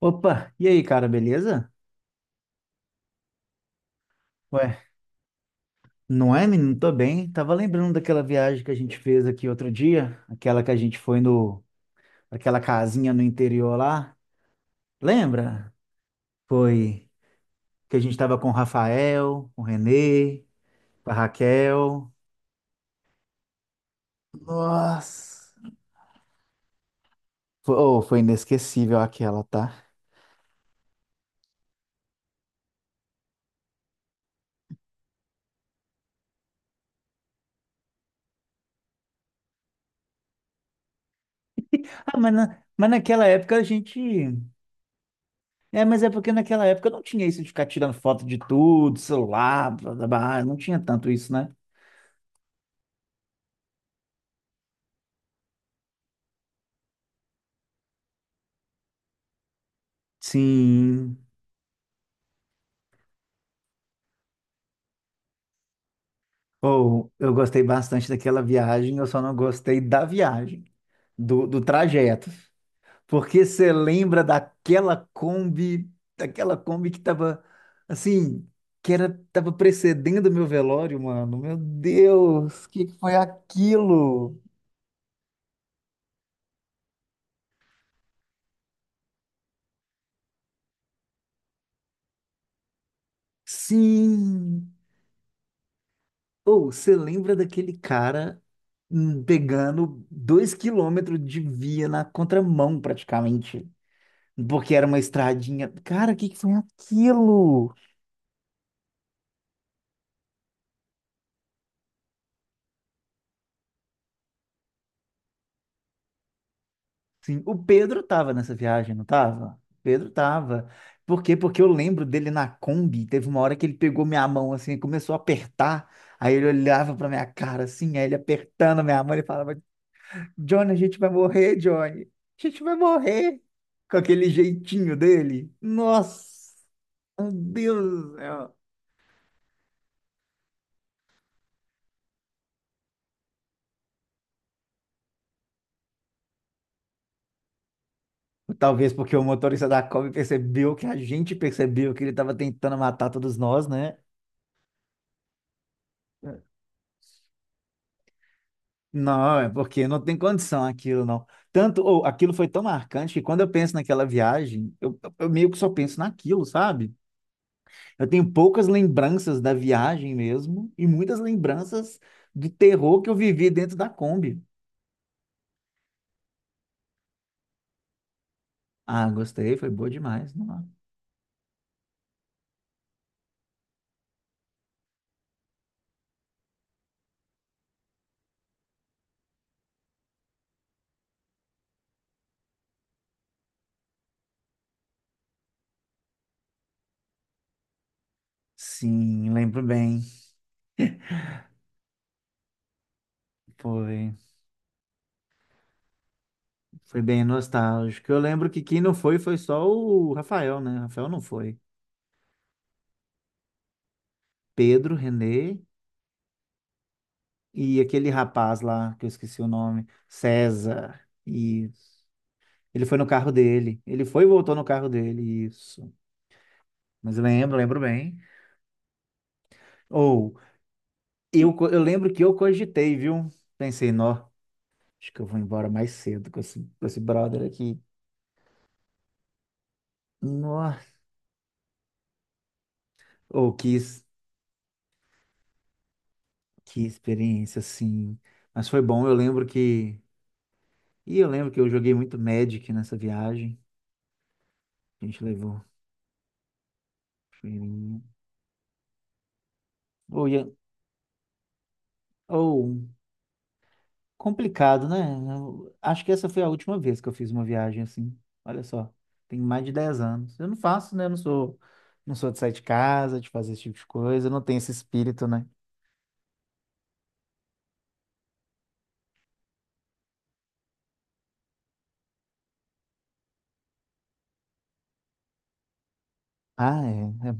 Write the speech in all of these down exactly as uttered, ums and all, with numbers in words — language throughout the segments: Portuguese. Opa, e aí, cara, beleza? Ué, não é, menino? Tô bem. Tava lembrando daquela viagem que a gente fez aqui outro dia, aquela que a gente foi no, aquela casinha no interior lá. Lembra? Foi que a gente tava com o Rafael, com o Renê, com a Raquel. Nossa! Foi, oh, foi inesquecível aquela, tá? Ah, mas, na, mas naquela época a gente. É, mas é porque naquela época não tinha isso de ficar tirando foto de tudo, celular, blá, blá, blá, não tinha tanto isso, né? Sim. Ou eu gostei bastante daquela viagem, eu só não gostei da viagem, do, do trajeto. Porque você lembra daquela Kombi, daquela Kombi que tava assim, que era, tava precedendo meu velório, mano. Meu Deus, que que foi aquilo? Sim! Ou você lembra daquele cara hum, pegando dois quilômetros de via na contramão, praticamente. Porque era uma estradinha. Cara, o que que foi aquilo? Sim, o Pedro tava nessa viagem, não tava? O Pedro tava. Por quê? Porque eu lembro dele na Kombi, teve uma hora que ele pegou minha mão assim, e começou a apertar. Aí ele olhava pra minha cara assim, aí ele apertando a minha mão, ele falava: Johnny, a gente vai morrer, Johnny. A gente vai morrer. Com aquele jeitinho dele. Nossa, meu Deus do céu. Talvez porque o motorista da Kombi percebeu que a gente percebeu que ele estava tentando matar todos nós, né. Não, é porque não tem condição aquilo, não. Tanto, ou aquilo foi tão marcante que quando eu penso naquela viagem, eu, eu meio que só penso naquilo, sabe? Eu tenho poucas lembranças da viagem mesmo e muitas lembranças do terror que eu vivi dentro da Kombi. Ah, gostei, foi boa demais, não é? Sim, lembro bem. Foi, foi bem nostálgico. Eu lembro que quem não foi foi só o Rafael, né? Rafael não foi. Pedro, Renê. E aquele rapaz lá, que eu esqueci o nome, César, isso. Ele foi no carro dele. Ele foi e voltou no carro dele, isso. Mas lembro, lembro bem. Ou, eu, co- eu lembro que eu cogitei, viu? Pensei, nó, acho que eu vou embora mais cedo com esse, com esse brother aqui. Nossa, ou que, ex- que experiência, assim. Mas foi bom, eu lembro que... E eu lembro que eu joguei muito Magic nessa viagem. A gente levou... Ou, complicado, né? Eu acho que essa foi a última vez que eu fiz uma viagem assim. Olha só, tem mais de dez anos. Eu não faço, né? Eu não sou, não sou de sair de casa, de fazer esse tipo de coisa. Eu não tenho esse espírito, né? Ah, é. É,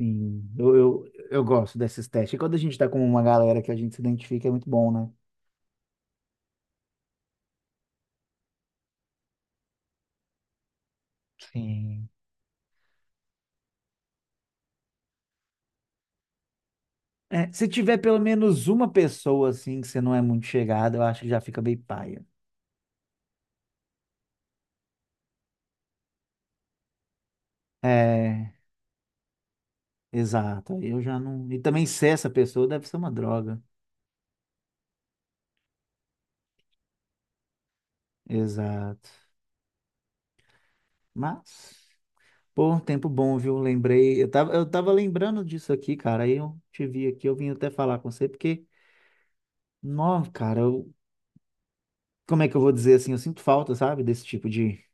sim. Eu, eu, eu gosto desses testes. E quando a gente tá com uma galera que a gente se identifica, é muito bom, né? Sim. É, se tiver pelo menos uma pessoa assim que você não é muito chegada, eu acho que já fica bem paia. É, exato. Aí eu já não. E também ser essa pessoa deve ser uma droga. Exato. Mas, pô, um tempo bom, viu? Lembrei. Eu tava, eu tava lembrando disso aqui, cara. Aí eu te vi aqui, eu vim até falar com você, porque, não, cara, eu, como é que eu vou dizer assim? Eu sinto falta, sabe? Desse tipo de.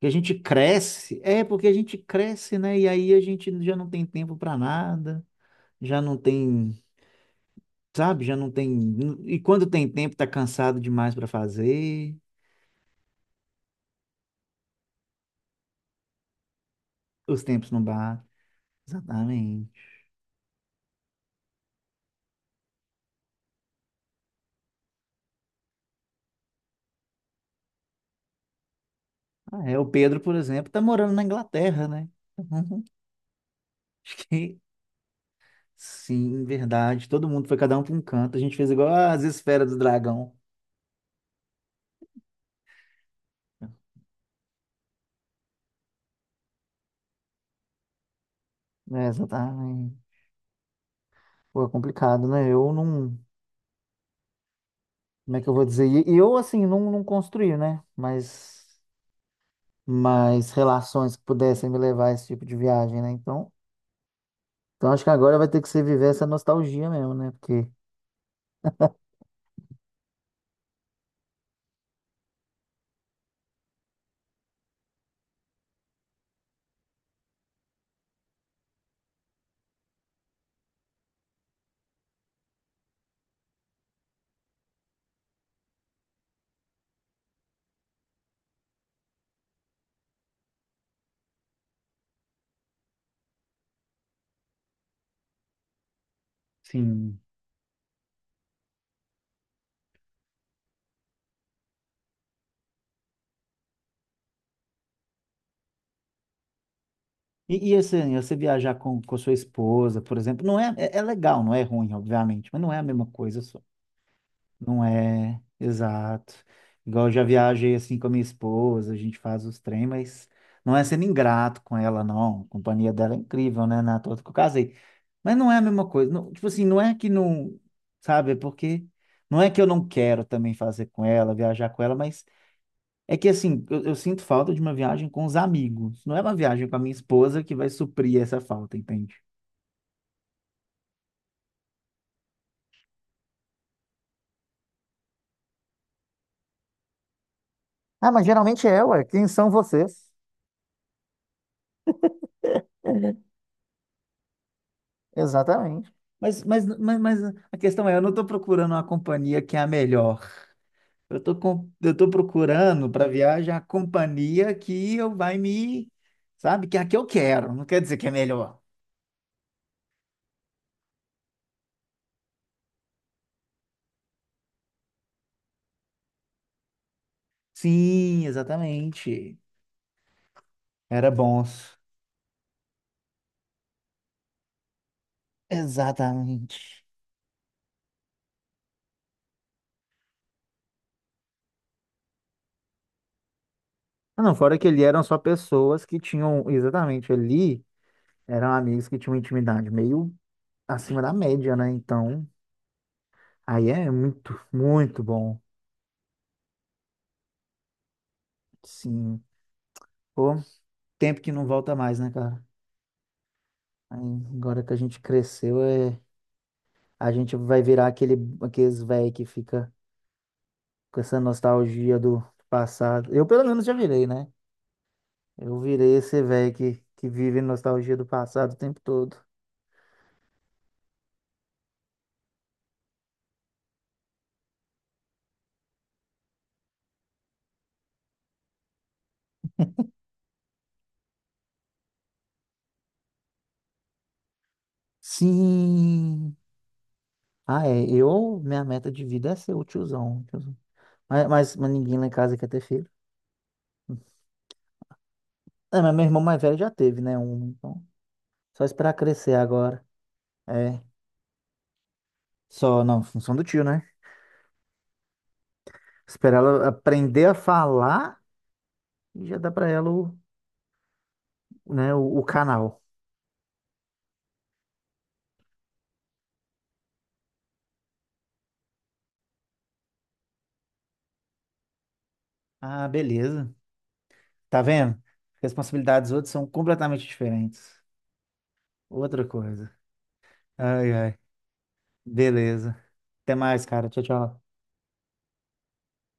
Que a gente cresce. É, porque a gente cresce, né? E aí a gente já não tem tempo pra nada, já não tem. Sabe? Já não tem. E quando tem tempo, tá cansado demais pra fazer. Os tempos não batem. Exatamente. Ah, é, o Pedro, por exemplo, tá morando na Inglaterra, né? Acho que sim, verdade. Todo mundo foi cada um para um canto. A gente fez igual as esferas do dragão. É, exatamente. Pô, é complicado, né? Eu não. Como é que eu vou dizer? E e eu, assim, não, não construí, né? Mas, mas relações que pudessem me levar a esse tipo de viagem, né? Então, então acho que agora vai ter que ser viver essa nostalgia mesmo, né? Porque. Sim. E, e assim, você viajar com, com a sua esposa, por exemplo, não é, é, é legal, não é ruim, obviamente, mas não é a mesma coisa. Não é, exato. Igual eu já viajei assim com a minha esposa, a gente faz os trem, mas não é sendo ingrato com ela, não. A companhia dela é incrível, né? Na toa que eu casei. Mas não é a mesma coisa. Não, tipo assim, não é que não, sabe? É porque não é que eu não quero também fazer com ela, viajar com ela, mas é que assim, eu, eu sinto falta de uma viagem com os amigos. Não é uma viagem com a minha esposa que vai suprir essa falta, entende? Ah, mas geralmente é, ué. Quem são vocês? Exatamente. Mas, mas, mas, mas a questão é, eu não estou procurando uma companhia que é a melhor. Eu estou com, eu estou procurando para viagem a companhia que eu vai me, sabe, que é a que eu quero. Não quer dizer que é melhor. Sim, exatamente. Era bons. Exatamente. Ah, não, fora que ali eram só pessoas que tinham, exatamente ali, eram amigos que tinham intimidade meio acima da média, né? Então, aí é muito, muito bom. Sim. Pô, tempo que não volta mais, né, cara? Aí, agora que a gente cresceu, é... a gente vai virar aquele, aqueles velho que fica com essa nostalgia do passado. Eu, pelo menos, já virei, né? Eu virei esse velho que, que vive nostalgia do passado o tempo todo. Sim! Ah, é. Eu, minha meta de vida é ser o tiozão. O tiozão. Mas, mas, mas ninguém lá em casa quer ter filho. É, mas meu irmão mais velho já teve, né? Um, então. Só esperar crescer agora. É. Só, não, função do tio, né? Esperar ela aprender a falar e já dá para ela o, né, o, o canal. Ah, beleza. Tá vendo? Responsabilidades dos outros são completamente diferentes. Outra coisa. Ai, ai. Beleza. Até mais, cara. Tchau, tchau.